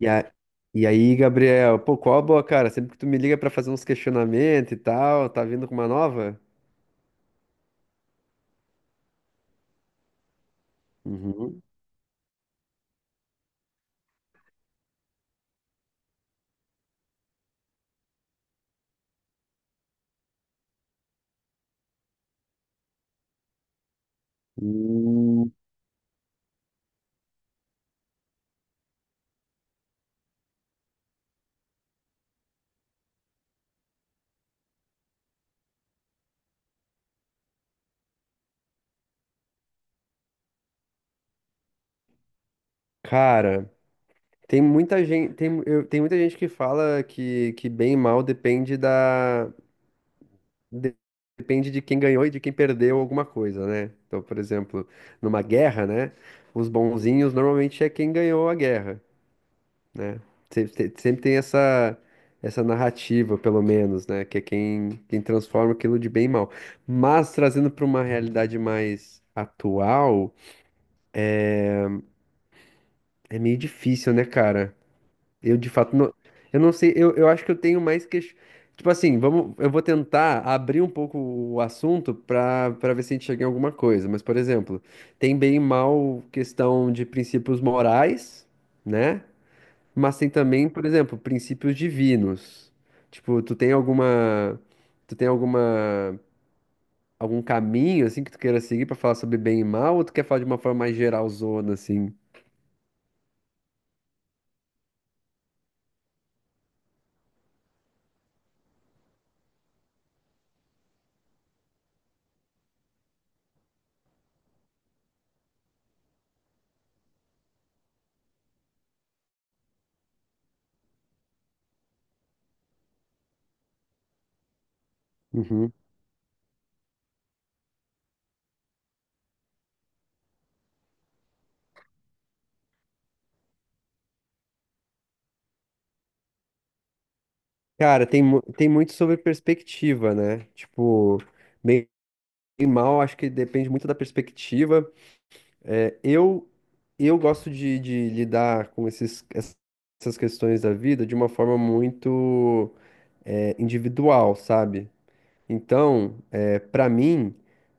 E, a, e aí, Gabriel, pô, qual a boa, cara? Sempre que tu me liga pra fazer uns questionamentos e tal, tá vindo com uma nova? Uhum. Hum, Cara, tem muita gente, tem muita gente que fala que bem e mal de- depende de quem ganhou e de quem perdeu alguma coisa, né? Então, por exemplo, numa guerra, né? Os bonzinhos normalmente é quem ganhou a guerra, né? Sempre tem essa narrativa, pelo menos, né? Que é quem transforma aquilo de bem em mal. Mas trazendo para uma realidade mais atual, é meio difícil, né, cara? Eu de fato não, eu não sei, eu acho que eu tenho mais que eu vou tentar abrir um pouco o assunto para ver se a gente chega em alguma coisa. Mas, por exemplo, tem bem e mal questão de princípios morais, né? Mas tem também, por exemplo, princípios divinos. Tipo, tu tem alguma, tu tem alguma, algum caminho assim que tu queira seguir pra falar sobre bem e mal, ou tu quer falar de uma forma mais geralzona assim? Uhum. Cara, tem muito sobre perspectiva, né? Tipo, bem e mal, acho que depende muito da perspectiva. É, eu gosto de lidar com essas questões da vida de uma forma muito é, individual, sabe? Então, é, para mim,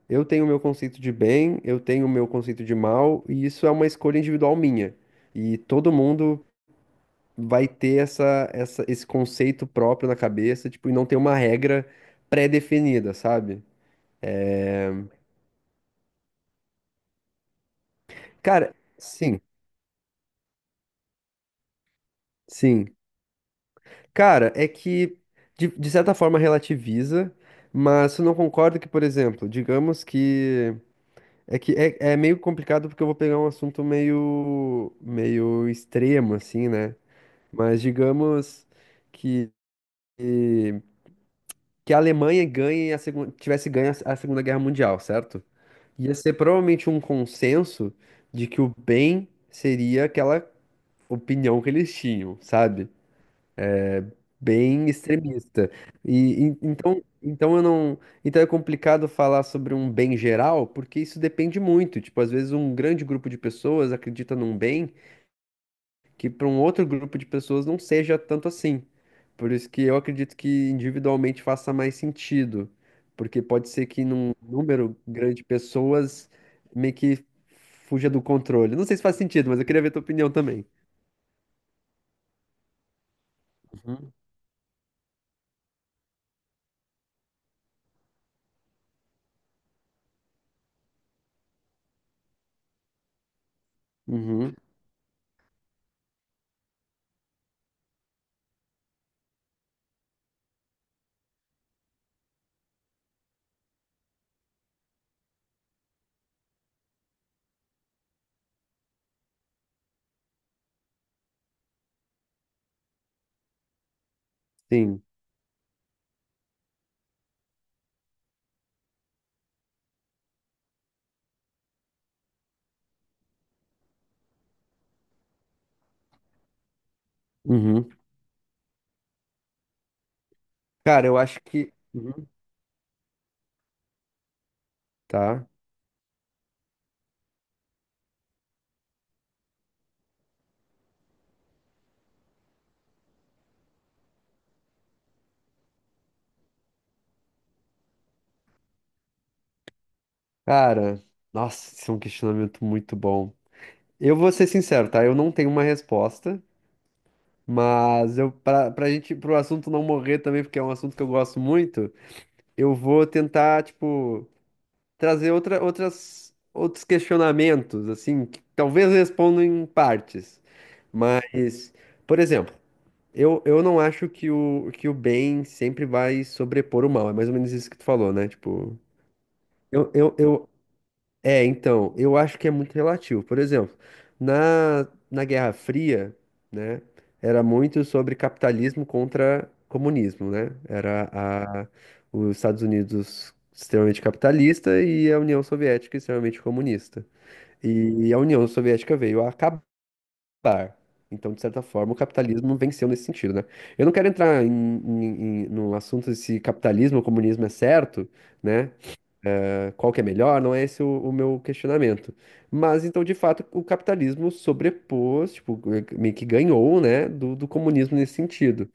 eu tenho o meu conceito de bem, eu tenho o meu conceito de mal, e isso é uma escolha individual minha. E todo mundo vai ter esse conceito próprio na cabeça, tipo, e não tem uma regra pré-definida, sabe? Cara, sim, sim. Cara, é que de certa forma relativiza, mas eu não concordo que, por exemplo, digamos que é, é meio complicado porque eu vou pegar um assunto meio extremo assim, né? Mas digamos que, que a Alemanha tivesse ganho a Segunda Guerra Mundial, certo? Ia ser provavelmente um consenso de que o bem seria aquela opinião que eles tinham, sabe? Bem extremista. Então eu não, é complicado falar sobre um bem geral, porque isso depende muito. Tipo, às vezes um grande grupo de pessoas acredita num bem que para um outro grupo de pessoas não seja tanto assim. Por isso que eu acredito que individualmente faça mais sentido, porque pode ser que num número grande de pessoas meio que fuja do controle. Não sei se faz sentido, mas eu queria ver tua opinião também. Uhum. Uhum, sim. Uhum. Cara, eu acho que. Uhum. Tá. Cara, nossa, isso é um questionamento muito bom. Eu vou ser sincero, tá? Eu não tenho uma resposta, mas eu, pra, pra gente, pro assunto não morrer também, porque é um assunto que eu gosto muito, eu vou tentar, tipo, trazer outros questionamentos, assim, que talvez respondam em partes. Mas, por exemplo, eu não acho que o bem sempre vai sobrepor o mal. É mais ou menos isso que tu falou, né? Tipo, eu, eu, eu eu acho que é muito relativo. Por exemplo, na Guerra Fria, né, era muito sobre capitalismo contra comunismo, né? Os Estados Unidos extremamente capitalista e a União Soviética extremamente comunista. E a União Soviética veio a acabar. Então, de certa forma, o capitalismo venceu nesse sentido, né? Eu não quero entrar no assunto se capitalismo ou comunismo é certo, né? Ah, qual que é melhor, não é esse o meu questionamento. Mas então, de fato, o capitalismo sobrepôs, tipo, meio que ganhou, né, do comunismo nesse sentido.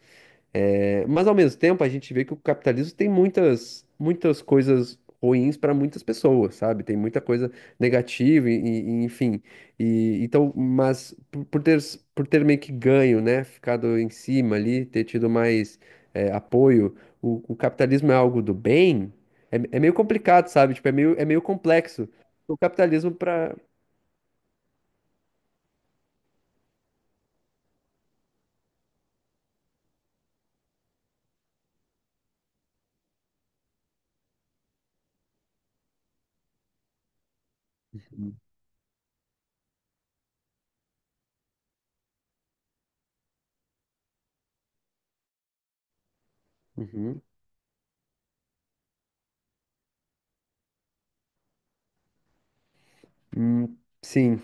É, mas ao mesmo tempo a gente vê que o capitalismo tem muitas coisas ruins para muitas pessoas, sabe? Tem muita coisa negativa enfim. E, então, por ter meio que ganho, né? Ficado em cima ali, ter tido mais é, apoio, o capitalismo é algo do bem? É, é meio complicado, sabe? Tipo, é meio complexo. O capitalismo para. Uhum. Uhum. Hum, sim.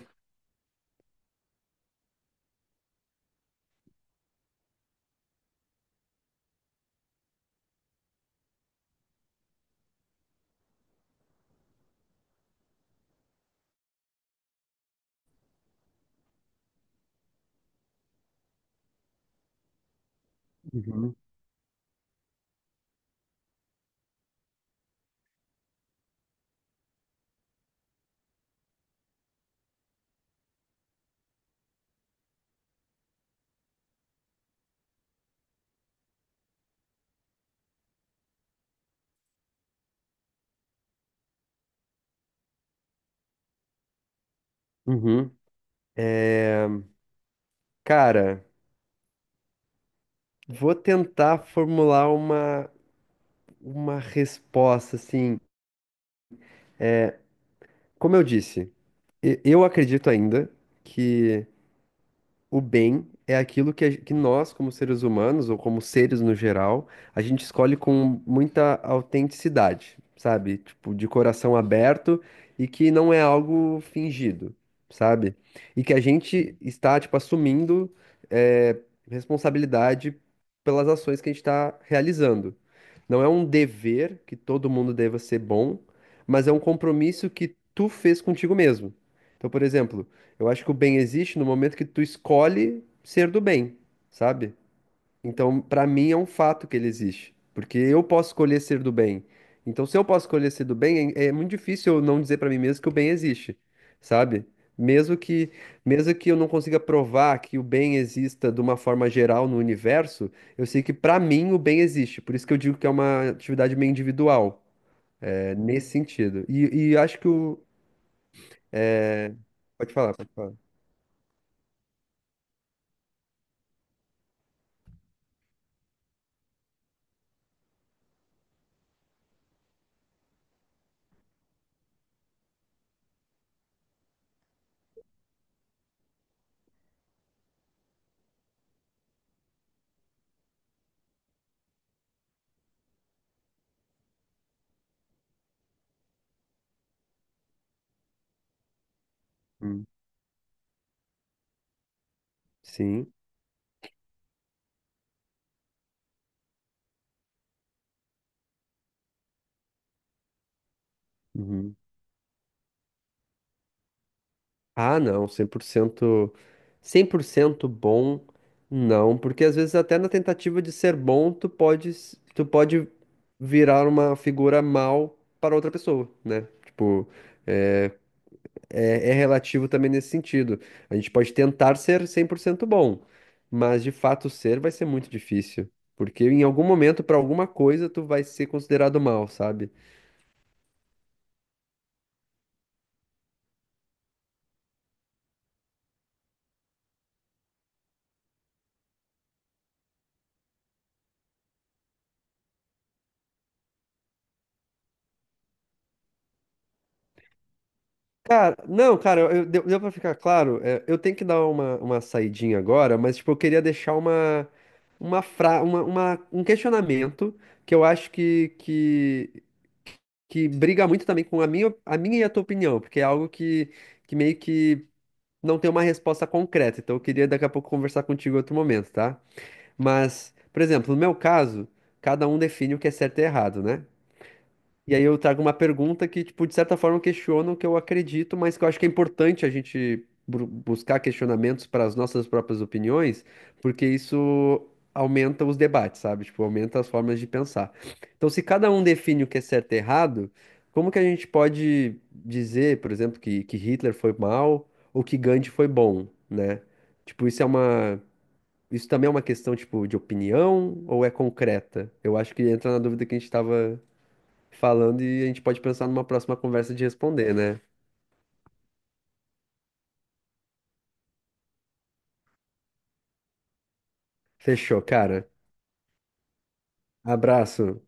Uhum. Uhum. É, cara. Vou tentar formular uma resposta, assim. Como eu disse, eu acredito ainda que o bem é aquilo a que nós, como seres humanos, ou como seres no geral, a gente escolhe com muita autenticidade, sabe? Tipo, de coração aberto e que não é algo fingido, sabe? E que a gente está, tipo, assumindo, eh, responsabilidade pelas ações que a gente está realizando. Não é um dever que todo mundo deva ser bom, mas é um compromisso que tu fez contigo mesmo. Então, por exemplo. Eu acho que o bem existe no momento que tu escolhe ser do bem, sabe? Então, pra mim é um fato que ele existe, porque eu posso escolher ser do bem. Então, se eu posso escolher ser do bem, é é muito difícil eu não dizer pra mim mesmo que o bem existe, sabe? Mesmo que, mesmo que eu não consiga provar que o bem exista de uma forma geral no universo, eu sei que pra mim o bem existe. Por isso que eu digo que é uma atividade meio individual, é, nesse sentido. E acho que o. Pode falar, pode falar. Hum. Sim. Uhum. Ah, não, 100% bom, não, porque às vezes até na tentativa de ser bom, tu pode virar uma figura mal para outra pessoa, né? Tipo, é, é relativo também nesse sentido. A gente pode tentar ser 100% bom, mas de fato ser vai ser muito difícil, porque em algum momento, para alguma coisa, tu vai ser considerado mal, sabe? Cara, não, cara, deu pra ficar claro. É, eu tenho que dar uma saidinha agora, mas, tipo, eu queria deixar uma, fra, uma- um questionamento que eu acho que briga muito também com a a minha e a tua opinião, porque é algo que meio que não tem uma resposta concreta, então eu queria daqui a pouco conversar contigo em outro momento, tá? Mas, por exemplo, no meu caso, cada um define o que é certo e errado, né? E aí eu trago uma pergunta que, tipo, de certa forma questiona o que eu acredito, mas que eu acho que é importante a gente buscar questionamentos para as nossas próprias opiniões, porque isso aumenta os debates, sabe? Tipo, aumenta as formas de pensar. Então, se cada um define o que é certo e errado, como que a gente pode dizer, por exemplo, que Hitler foi mal ou que Gandhi foi bom, né? Tipo, isso é uma... Isso também é uma questão, tipo, de opinião ou é concreta? Eu acho que entra na dúvida que a gente estava falando e a gente pode pensar numa próxima conversa de responder, né? Fechou, cara. Abraço.